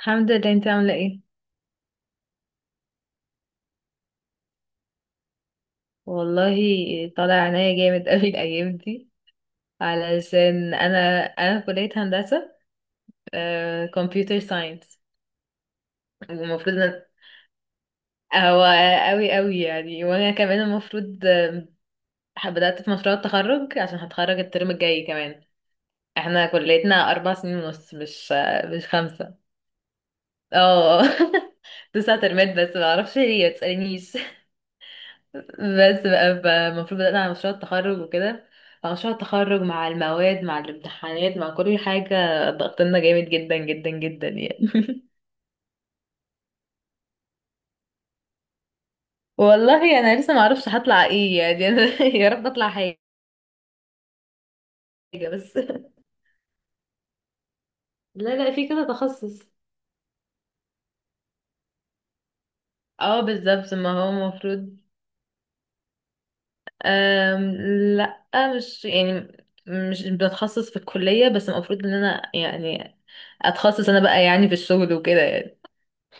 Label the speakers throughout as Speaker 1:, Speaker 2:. Speaker 1: الحمد لله. انت عاملة ايه؟ والله، طالع عينيا جامد قوي الايام دي علشان انا في كلية هندسة كمبيوتر ساينس. المفروض ان هو قوي قوي يعني، وانا كمان المفروض بدأت في مشروع التخرج عشان هتخرج الترم الجاي كمان. احنا كليتنا 4 سنين ونص، مش خمسة. اه 9 ترمات، بس ما اعرفش ليه، ما تسألنيش. بس بقى المفروض بدأنا على مشروع التخرج وكده، مع مشروع التخرج مع المواد مع الامتحانات مع كل حاجة. ضغطنا جامد جدا جدا جدا يعني. والله، أنا لسه معرفش هطلع ايه يعني. أنا يا رب أطلع حاجة بس. لا لا، في كده تخصص. اه بالظبط، ما هو المفروض. أم لا، مش يعني مش بتخصص في الكلية، بس المفروض ان انا يعني اتخصص انا بقى يعني في الشغل وكده يعني.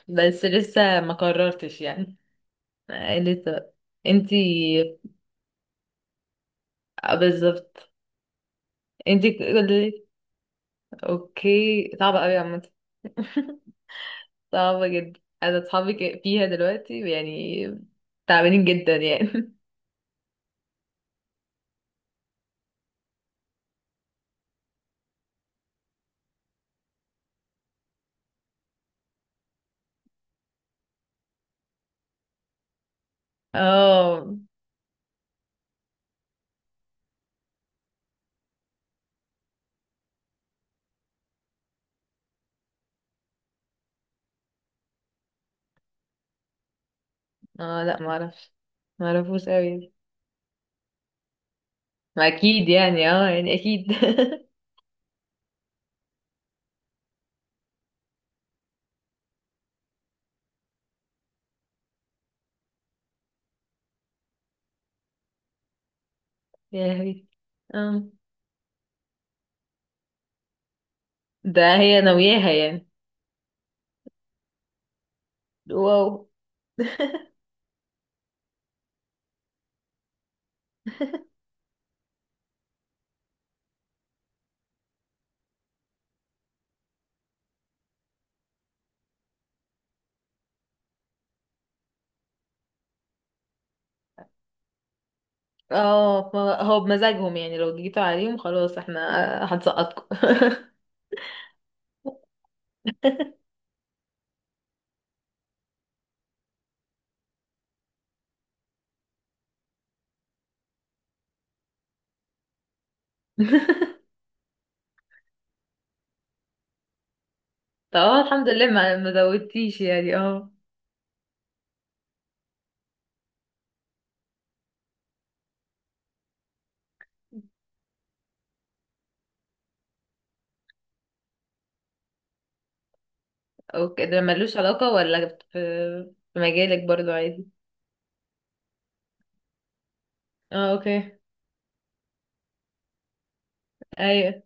Speaker 1: بس لسه ما قررتش يعني. لسه انتي. بالظبط. انتي كل. اوكي، صعبة قوي عامة. صعبة جدا. انا اصحابي فيها دلوقتي يعني، تعبانين جدا يعني. اه اه، لا ما اعرفش. ما اعرفوش قوي. ما اكيد يعني. اه يعني اكيد. يا لهوي. اه، ده هي ناوياها يعني. واو. اه هو بمزاجهم يعني، لو جيتوا عليهم خلاص احنا. هنسقطكم. طب اه، الحمد لله ما زودتيش يعني. اه اوكي. ده ملوش علاقة، ولا في في مجالك برضو؟ عادي. اه اوكي. ايوه.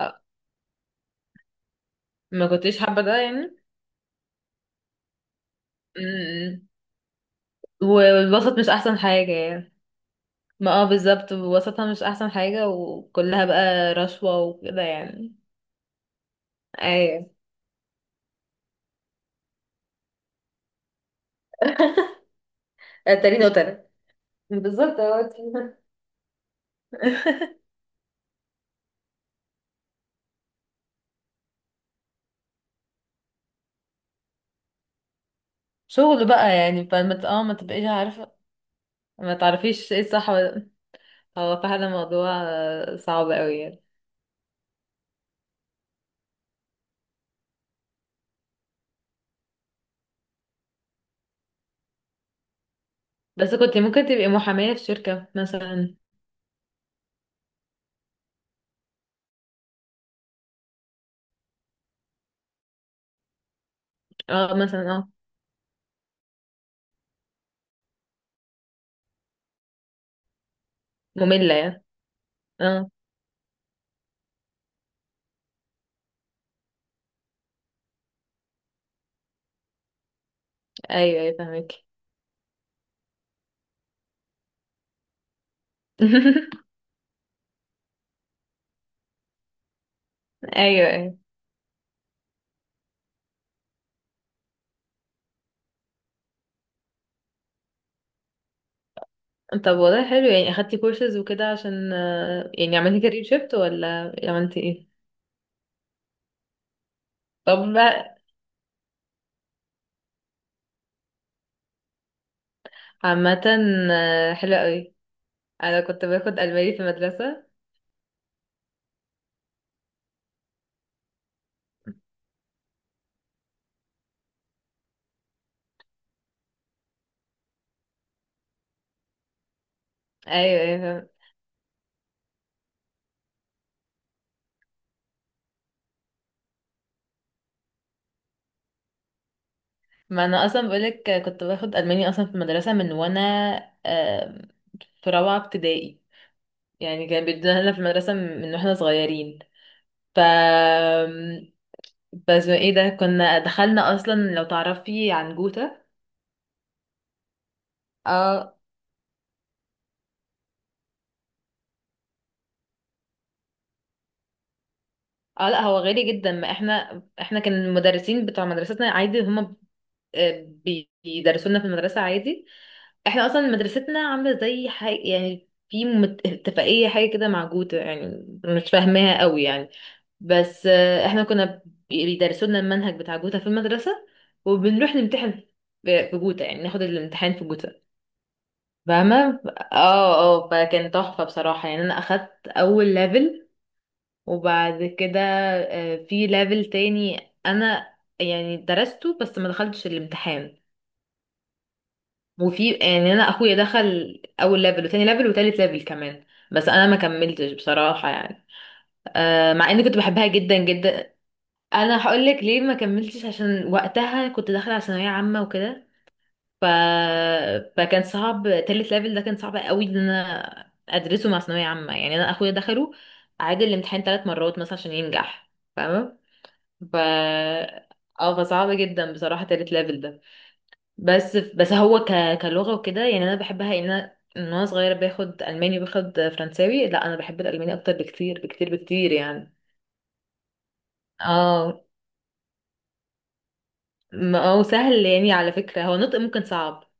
Speaker 1: اه، ما كنتش حابة ده يعني. امم. والوسط مش احسن حاجة يعني. ما اه بالظبط، وسطها مش احسن حاجة، وكلها بقى رشوة وكده يعني. ايوه. تاني وتالت. بالظبط اه. شغل بقى يعني، فما ما تبقيش عارفة. ما تعرفيش ايه الصح، هو فعلا موضوع صعب قوي يعني. بس كنت ممكن تبقي محامية في شركة مثلا. اه مثلا، اه مملة يعني، اه. ايوه ايوه، فاهمك. ايوه ايوه. طب والله، حلو يعني. اخدتي كورسز وكده عشان يعني عملتي كارير شيفت، ولا عملتي ايه؟ طب عامة حلو قوي. انا كنت باخد الماني في المدرسة. ايوه ايوه، فاهم. ما انا اصلا بقولك كنت باخد الماني اصلا في المدرسة من وانا آه، في رابعة ابتدائي. يعني كان بيدونا لنا في المدرسة من واحنا صغيرين. ف بس ايه ده، كنا دخلنا اصلا، لو تعرفي عن جوتا. اه اه، لا هو غالي جدا. ما احنا كان المدرسين بتوع مدرستنا عادي. هما آه، بيدرسوا لنا في المدرسة عادي. احنا اصلا مدرستنا عاملة زي حاجة يعني، في اتفاقية حاجة كده مع جوتا، يعني مش فاهماها قوي يعني. بس احنا كنا بيدرسوا لنا المنهج بتاع جوتا في المدرسة، وبنروح نمتحن في جوتا يعني، ناخد الامتحان في جوتا. فاهمة. اه اه، فكان تحفة بصراحة يعني. انا اخدت اول ليفل، وبعد كده في ليفل تاني انا يعني درسته بس ما دخلتش الامتحان. وفي يعني انا اخويا دخل اول ليفل وتاني ليفل وتالت ليفل كمان. بس انا ما كملتش بصراحة يعني، مع اني كنت بحبها جدا جدا. انا هقولك ليه ما كملتش، عشان وقتها كنت داخلة على ثانوية عامة وكده. ف... فكان صعب. تالت ليفل ده كان صعب قوي، ان انا ادرسه مع ثانويه عامه. يعني انا اخويا دخله، عاد الامتحان 3 مرات مثلا عشان ينجح. فاهمه. ف اه فصعب جدا بصراحه تالت ليفل ده. بس هو كلغه وكده يعني، انا بحبها. ان انا من وانا صغيره باخد الماني، باخد فرنساوي، لا انا بحب الالماني اكتر بكتير بكتير بكتير يعني. اه ما هو سهل يعني، على فكره هو نطق ممكن صعب.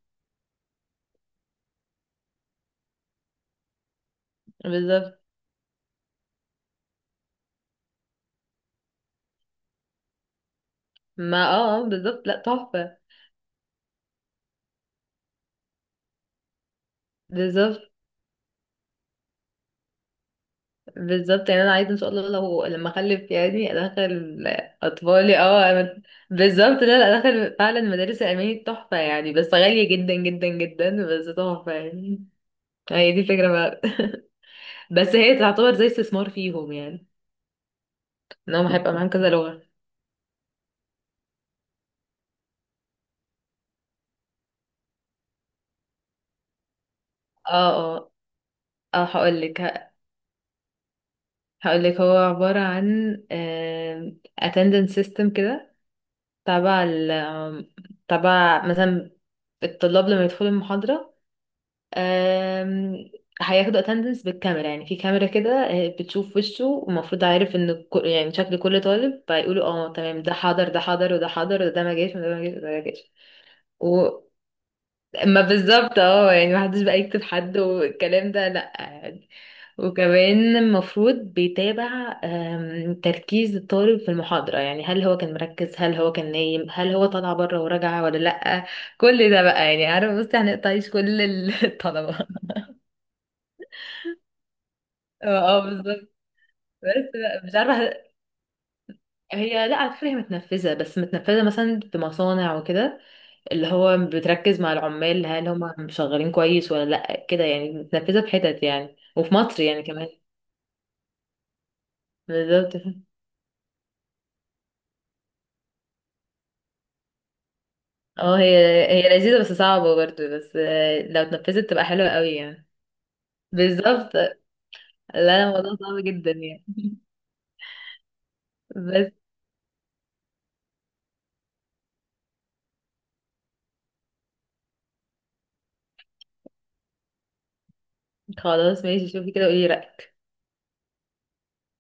Speaker 1: بالظبط. ما بالظبط. لا، تحفه. بالظبط بالظبط، يعني انا عايزه ان شاء الله لو لما اخلف يعني ادخل اطفالي، اه بالظبط. لا لا، ادخل فعلا مدارس الالماني تحفه يعني، بس غاليه جدا جدا جدا، بس تحفه يعني. هي دي فكره بقى. بس هي تعتبر زي استثمار فيهم يعني، ان هم هيبقى معاهم كذا لغه. اه اه اه، هقول لك هو عباره عن attendance system كده، تبع ال آم، تبع مثلا الطلاب لما يدخلوا المحاضره. آم، هياخدوا اتندنس بالكاميرا، يعني في كاميرا كده بتشوف وشه، ومفروض عارف ان يعني شكل كل طالب، فيقولوا اه تمام، ده حاضر ده حاضر وده حاضر، وده ما جاش وده ما جاش وده ما جاش. و ما بالظبط اه، يعني محدش بقى يكتب حد والكلام ده لا يعني. وكمان المفروض بيتابع تركيز الطالب في المحاضرة، يعني هل هو كان مركز، هل هو كان نايم، هل هو طالع بره وراجع ولا لأ. كل ده بقى يعني، عارف بصي هنقطع عيش كل الطلبة. اه بالظبط. بس لا، مش عارفه. هي لا على فكره، هي متنفذه، بس متنفذه مثلا في مصانع وكده، اللي هو بتركز مع العمال هل هم شغالين كويس ولا لا كده يعني. متنفذه في حتت يعني، وفي مصر يعني كمان. بالظبط اه. هي لذيذه، بس صعبه برضه، بس لو اتنفذت تبقى حلوه قوي يعني. بالظبط. لا الموضوع صعب جدا يعني. بس. خلاص ماشي، شوفي كده قولي رأيك.